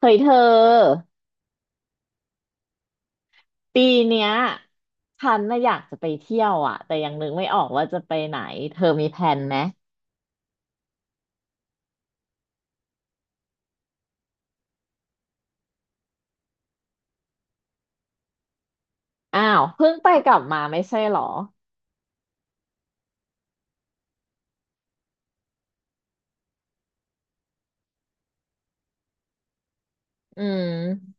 เฮ้ยเธอปีเนี้ยฉันน่ะอยากจะไปเที่ยวอ่ะแต่ยังนึกไม่ออกว่าจะไปไหนเธอมีแผนไหมอ้าวเพิ่งไปกลับมาไม่ใช่เหรออืม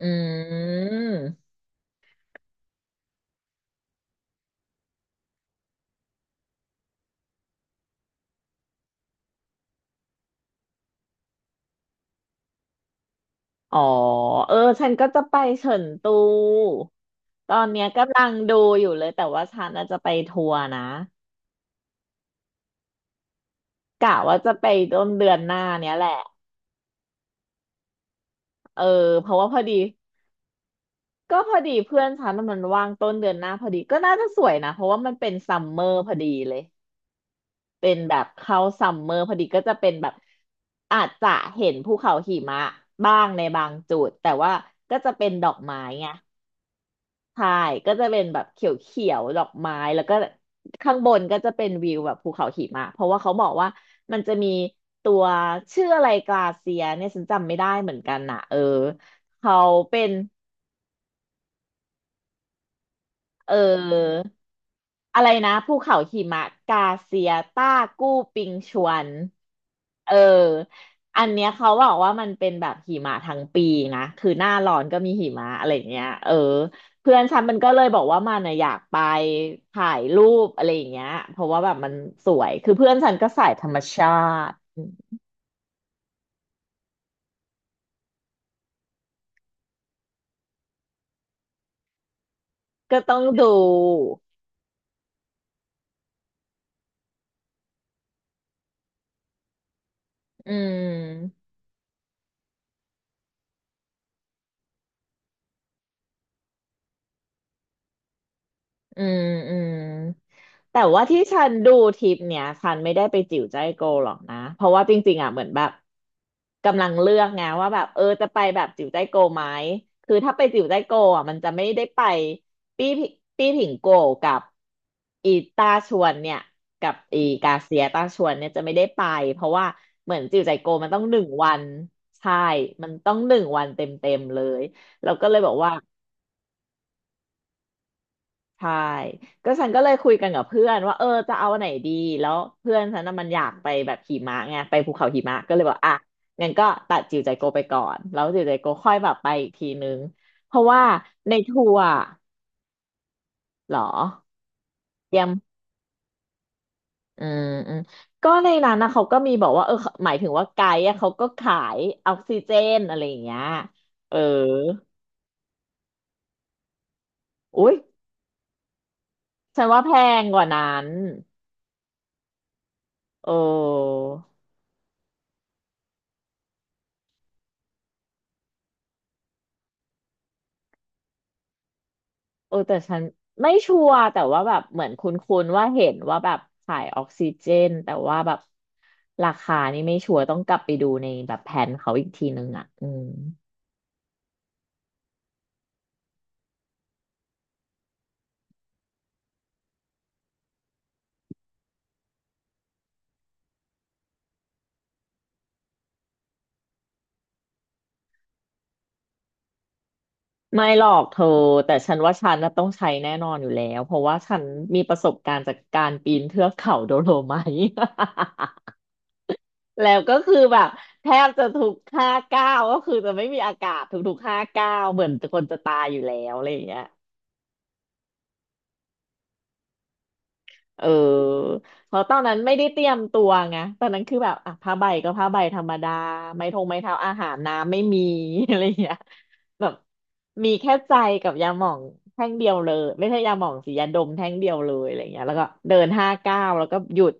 อืมอ๋อเออฉันก็จะไปเฉินตูตอนเนี้ยกำลังดูอยู่เลยแต่ว่าฉันน่ะจะไปทัวร์นะกะว่าจะไปต้นเดือนหน้าเนี้ยแหละเออเพราะว่าพอดีก็พอดีเพื่อนฉันน่ะมันว่างต้นเดือนหน้าพอดีก็น่าจะสวยนะเพราะว่ามันเป็นซัมเมอร์พอดีเลย เป็นแบบเข้าซัมเมอร์พอดีก็จะเป็นแบบอาจจะเห็นภูเขาหิมะบ้างในบางจุดแต่ว่าก็จะเป็นดอกไม้ไงใช่ก็จะเป็นแบบเขียวๆดอกไม้แล้วก็ข้างบนก็จะเป็นวิวแบบภูเขาหิมะเพราะว่าเขาบอกว่ามันจะมีตัวชื่ออะไรกลาเซียเนี่ยฉันจำไม่ได้เหมือนกันนะเออเขาเป็น เอออะไรนะภูเขาหิมะกาเซียต้ากู้ปิงชวนเอออันเนี้ยเขาบอกว่ามันเป็นแบบหิมะทั้งปีนะคือหน้าร้อนก็มีหิมะอะไรอย่างเงี้ยเออเพื่อนฉันมันก็เลยบอกว่ามันน่ะอยากไปถ่ายรูปอะไรอย่างเงี้ยเพราะว่าแบบมันสวยคือเพื่อนฉันก็สายธรรมชาติก็ต้องดูอืม อืมอืมแต่ว่าที่ฉันดูทริปเนี้ยฉันไม่ได้ไปจิ๋วใจายโกวหรอกนะเพราะว่าจริงๆอ่ะเหมือนแบบกำลังเลือกไงว่าแบบเออจะไปแบบจิ๋วใจายโกวไหมคือถ้าไปจิ๋วใจายโกวอ่ะมันจะไม่ได้ไปปี้ผิปี้ผิงโกวกับอีตาชวนเนี่ยกับอีกาเซียตาชวนเนี่ยจะไม่ได้ไปเพราะว่าเหมือนจิ๋วใจายโกวมันต้องหนึ่งวันใช่มันต้องหนึ่งวันเต็มๆเลยเราก็เลยบอกว่า ใช่ก็ฉันก็เลยคุยกันกับเพื่อนว่าเออจะเอาอันไหนดีแล้วเพื่อนฉันน่ะมันอยากไปแบบหิมะไงไปภูเขาหิมะก็เลยบอกอ่ะงั้นก็ตัดจิวใจโกไปก่อนแล้วจิวใจโกค่อยแบบไปอีกทีนึงเพราะว่าในทัวร์เหรอเตรียมอืมอืมก็ในนั้นนะเขาก็มีบอกว่าเออหมายถึงว่าไกด์อะเขาก็ขายออกซิเจนอะไรอย่างเงี้ยเอออุ๊ยฉันว่าแพงกว่านั้นโอ้ เออแต่ฉันไม่ชัวร์แต่ว่าแบบเหมือนคุ้นๆว่าเห็นว่าแบบขายออกซิเจนแต่ว่าแบบราคานี่ไม่ชัวร์ต้องกลับไปดูในแบบแผนเขาอีกทีนึงอ่ะอืมไม่หรอกเธอแต่ฉันว่าฉันน่ะต้องใช้แน่นอนอยู่แล้วเพราะว่าฉันมีประสบการณ์จากการปีนเทือกเขาโดโลไมท์ แล้วก็คือแบบแทบจะทุกห้าก้าวก็คือจะไม่มีอากาศทุกๆห้าก้าวเหมือนคนจะตายอยู่แล้วอะไรอย่างเงี้ย เออเพราะตอนนั้นไม่ได้เตรียมตัวไงตอนนั้นคือแบบอ่ะผ้าใบก็ผ้าใบธรรมดาไม้ทงไม้เท้าอาหารน้ำไม่มี อะไรอย่างเงี้ยแบบมีแค่ใจกับยาหม่องแท่งเดียวเลยไม่ใช่ยาหม่องสียาดมแท่งเดียวเลยอะไรอย่างเงี้ยแล้วก็เดินห้าเก้าวแล้วก็หยุด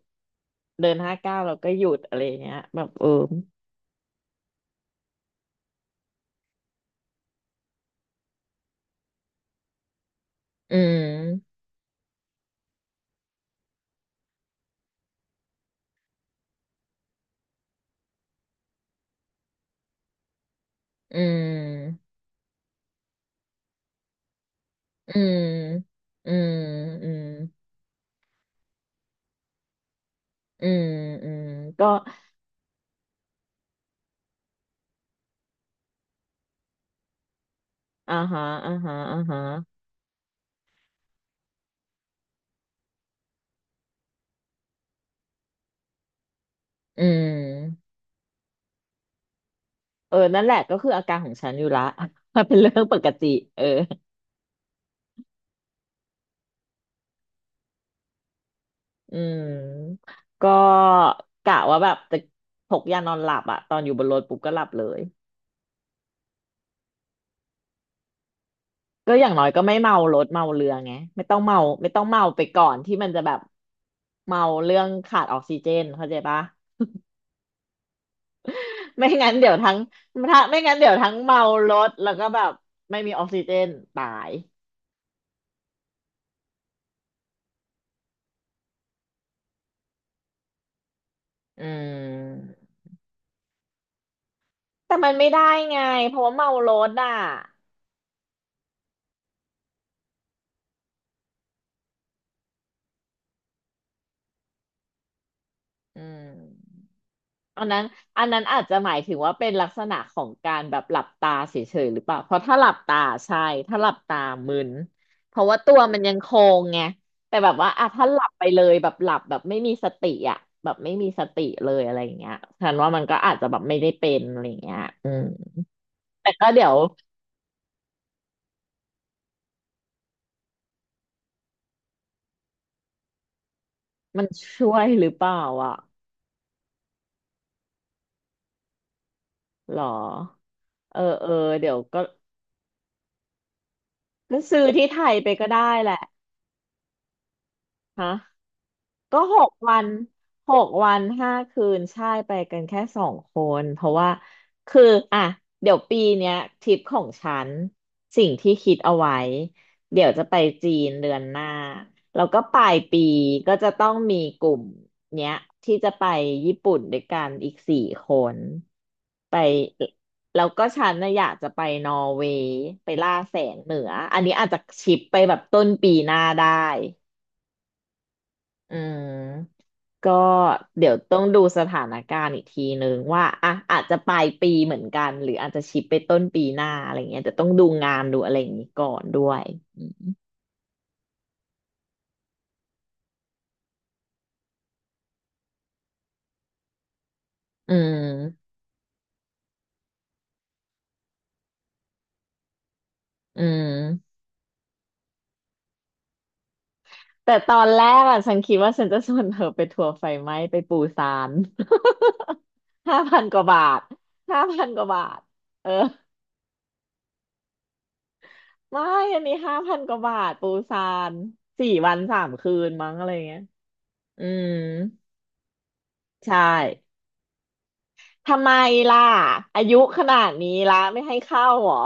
เดินห้าเก้าวแล้วก็หยุดอะไรอย่างเงี้ยแบบเอออืมอืมอืมอืมอืมอืมอืมก็อ่าฮะอ่าฮะอ่าฮะอืม เออนั่นแหละก็คืออาการของฉันอยู่ละ มันเป็นเรื่องปกติเอออืมก็กะว่าแบบจะพกยานอนหลับอะตอนอยู่บนรถปุ๊บก็หลับเลยก็อย่างน้อยก็ไม่เมารถเมาเรือไงไม่ต้องเมาไม่ต้องเมาไปก่อนที่มันจะแบบเมาเรื่องขาดออกซิเจนเข้าใจปะ ไม่งั้นเดี๋ยวทั้งถ้าไม่งั้นเดี๋ยวทั้งเมารถแล้วก็แบบไม่มีออกซิเจนตายอืมแต่มันไม่ได้ไงเพราะว่าเมารถอ่ะอืม อันนั้นอันนั้นอาจจะหมายถึงว่าเป็นลักษณะของการแบบหลับตาเฉยๆหรือเปล่าเพราะถ้าหลับตาใช่ถ้าหลับตามึนเพราะว่าตัวมันยังโคงไงแต่แบบว่าอ่ะถ้าหลับไปเลยแบบหลับแบบไม่มีสติอ่ะแบบไม่มีสติเลยอะไรอย่างเงี้ยฉันว่ามันก็อาจจะแบบไม่ได้เป็นอะไรอย่างเงี้ยอืมแต่ก็เดี๋ยวมันช่วยหรือเปล่าอ่ะหรอเออเออเดี๋ยวก็ก็ซื้อที่ไทยไปก็ได้แหละฮะ ก็6 วันห้าคืนใช่ไปกันแค่2 คนเพราะว่าคืออ่ะเดี๋ยวปีเนี้ยทริปของฉันสิ่งที่คิดเอาไว้เดี๋ยวจะไปจีนเดือนหน้าแล้วก็ปลายปีก็จะต้องมีกลุ่มเนี้ยที่จะไปญี่ปุ่นด้วยกันอีก4 คนไปแล้วก็ฉันนะอยากจะไปนอร์เวย์ไปล่าแสงเหนืออันนี้อาจจะชิปไปแบบต้นปีหน้าได้ อืมก็เดี๋ยวต้องดูสถานการณ์อีกทีนึงว่าอาจจะปลายปีเหมือนกันหรืออาจจะชิปไปต้นปีหน้าอะไรเงี้ยแต่ต้องดูงานดูอะไรอย่างนี้ก่อนด้วยอืมอืมแต่ตอนแรกอ่ะฉันคิดว่าฉันจะชวนเธอไปทัวร์ไฟไหม้ไปปูซาน ห้าพันกว่าบาทห้าพันกว่าบาทเออไม่อันนี้ห้าพันกว่าบาทปูซาน4 วัน 3 คืนมั้งอะไรเงี้ยอืมใช่ ทำไมล่ะอายุขนาดนี้ละไม่ให้เข้าเหรอ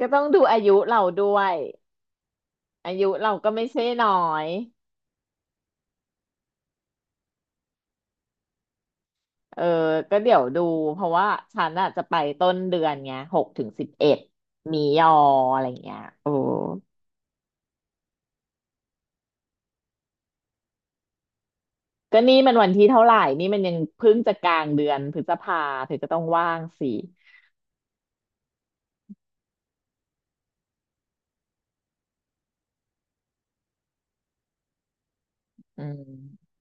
ก็ต้องดูอายุเราด้วยอายุเราก็ไม่ใช่น้อยเออก็เดี๋ยวดูเพราะว่าฉันอ่ะจะไปต้นเดือนไง6 ถึง 11มียออะไรเงี้ยโอ้ก็นี่มันวันที่เท่าไหร่นี่มันยังเพิ่งจะกลางเดือนพฤษภาเธอก็ต้องว่างสิอืม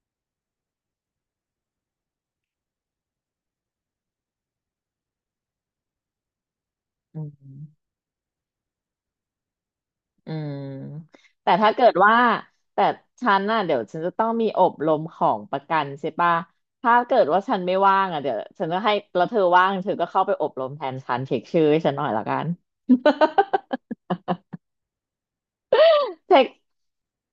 อืม อืมแต่ถ้าเกิดว่าแต่ฉันน่ะเดี๋ยวฉันจะต้องมีอบรมของประกันใช่ปะถ้าเกิดว่าฉันไม่ว่างอ่ะเดี๋ยวฉันจะให้แล้วเธอว่างเธอก็เข้าไปอบรมแทนฉันเช็คชื่อให้ฉันหน่อยละกัน เช็ค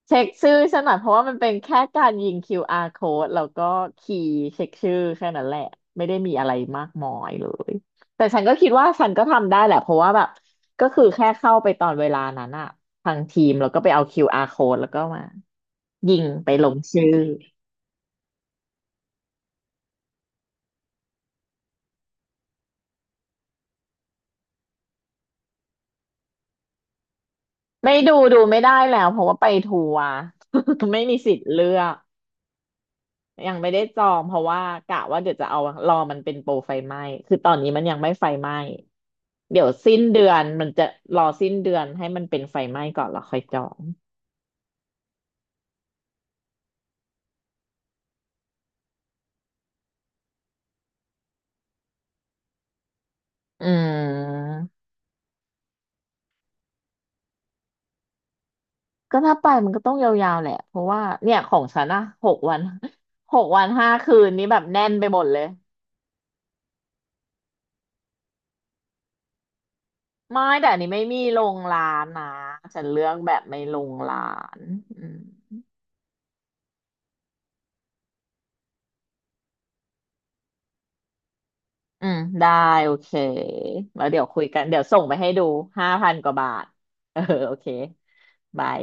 เช็คชื่อฉันหน่อยเพราะว่ามันเป็นแค่การยิง QR code แล้วก็คีย์เช็คชื่อแค่นั้นแหละไม่ได้มีอะไรมากมายเลยแต่ฉันก็คิดว่าฉันก็ทำได้แหละเพราะว่าแบบก็คือแค่เข้าไปตอนเวลานั้นอะทางทีมแล้วก็ไปเอา QR code แล้วก็มายิงไปลงชื่อไม่ดูไม่ได้แล้วเพราะว่าไปทัวร์ ไม่มีสิทธิ์เลือกยังไม่ได้จองเพราะว่ากะว่าเดี๋ยวจะเอารอมันเป็นโปรไฟไหม้คือตอนนี้มันยังไม่ไฟไหม้ เดี๋ยวสิ้นเดือนมันจะรอสิ้นเดือนให้มันเป็นไฟไหม้ก่อนแล้วค่อยจองอืมก็ถ้าไปมันก็ต้องยาวๆแหละเพราะว่าเนี่ยของฉันอะหกวัน 6 วัน 5 คืนนี้แบบแน่นไปหมดเลยไม่แต่อันนี้ไม่มีลงร้านนะฉันเลือกแบบไม่ลงร้านอืมอืมได้โอเคแล้วเดี๋ยวคุยกันเดี๋ยวส่งไปให้ดูห้าพันกว่าบาทเออโอเคบาย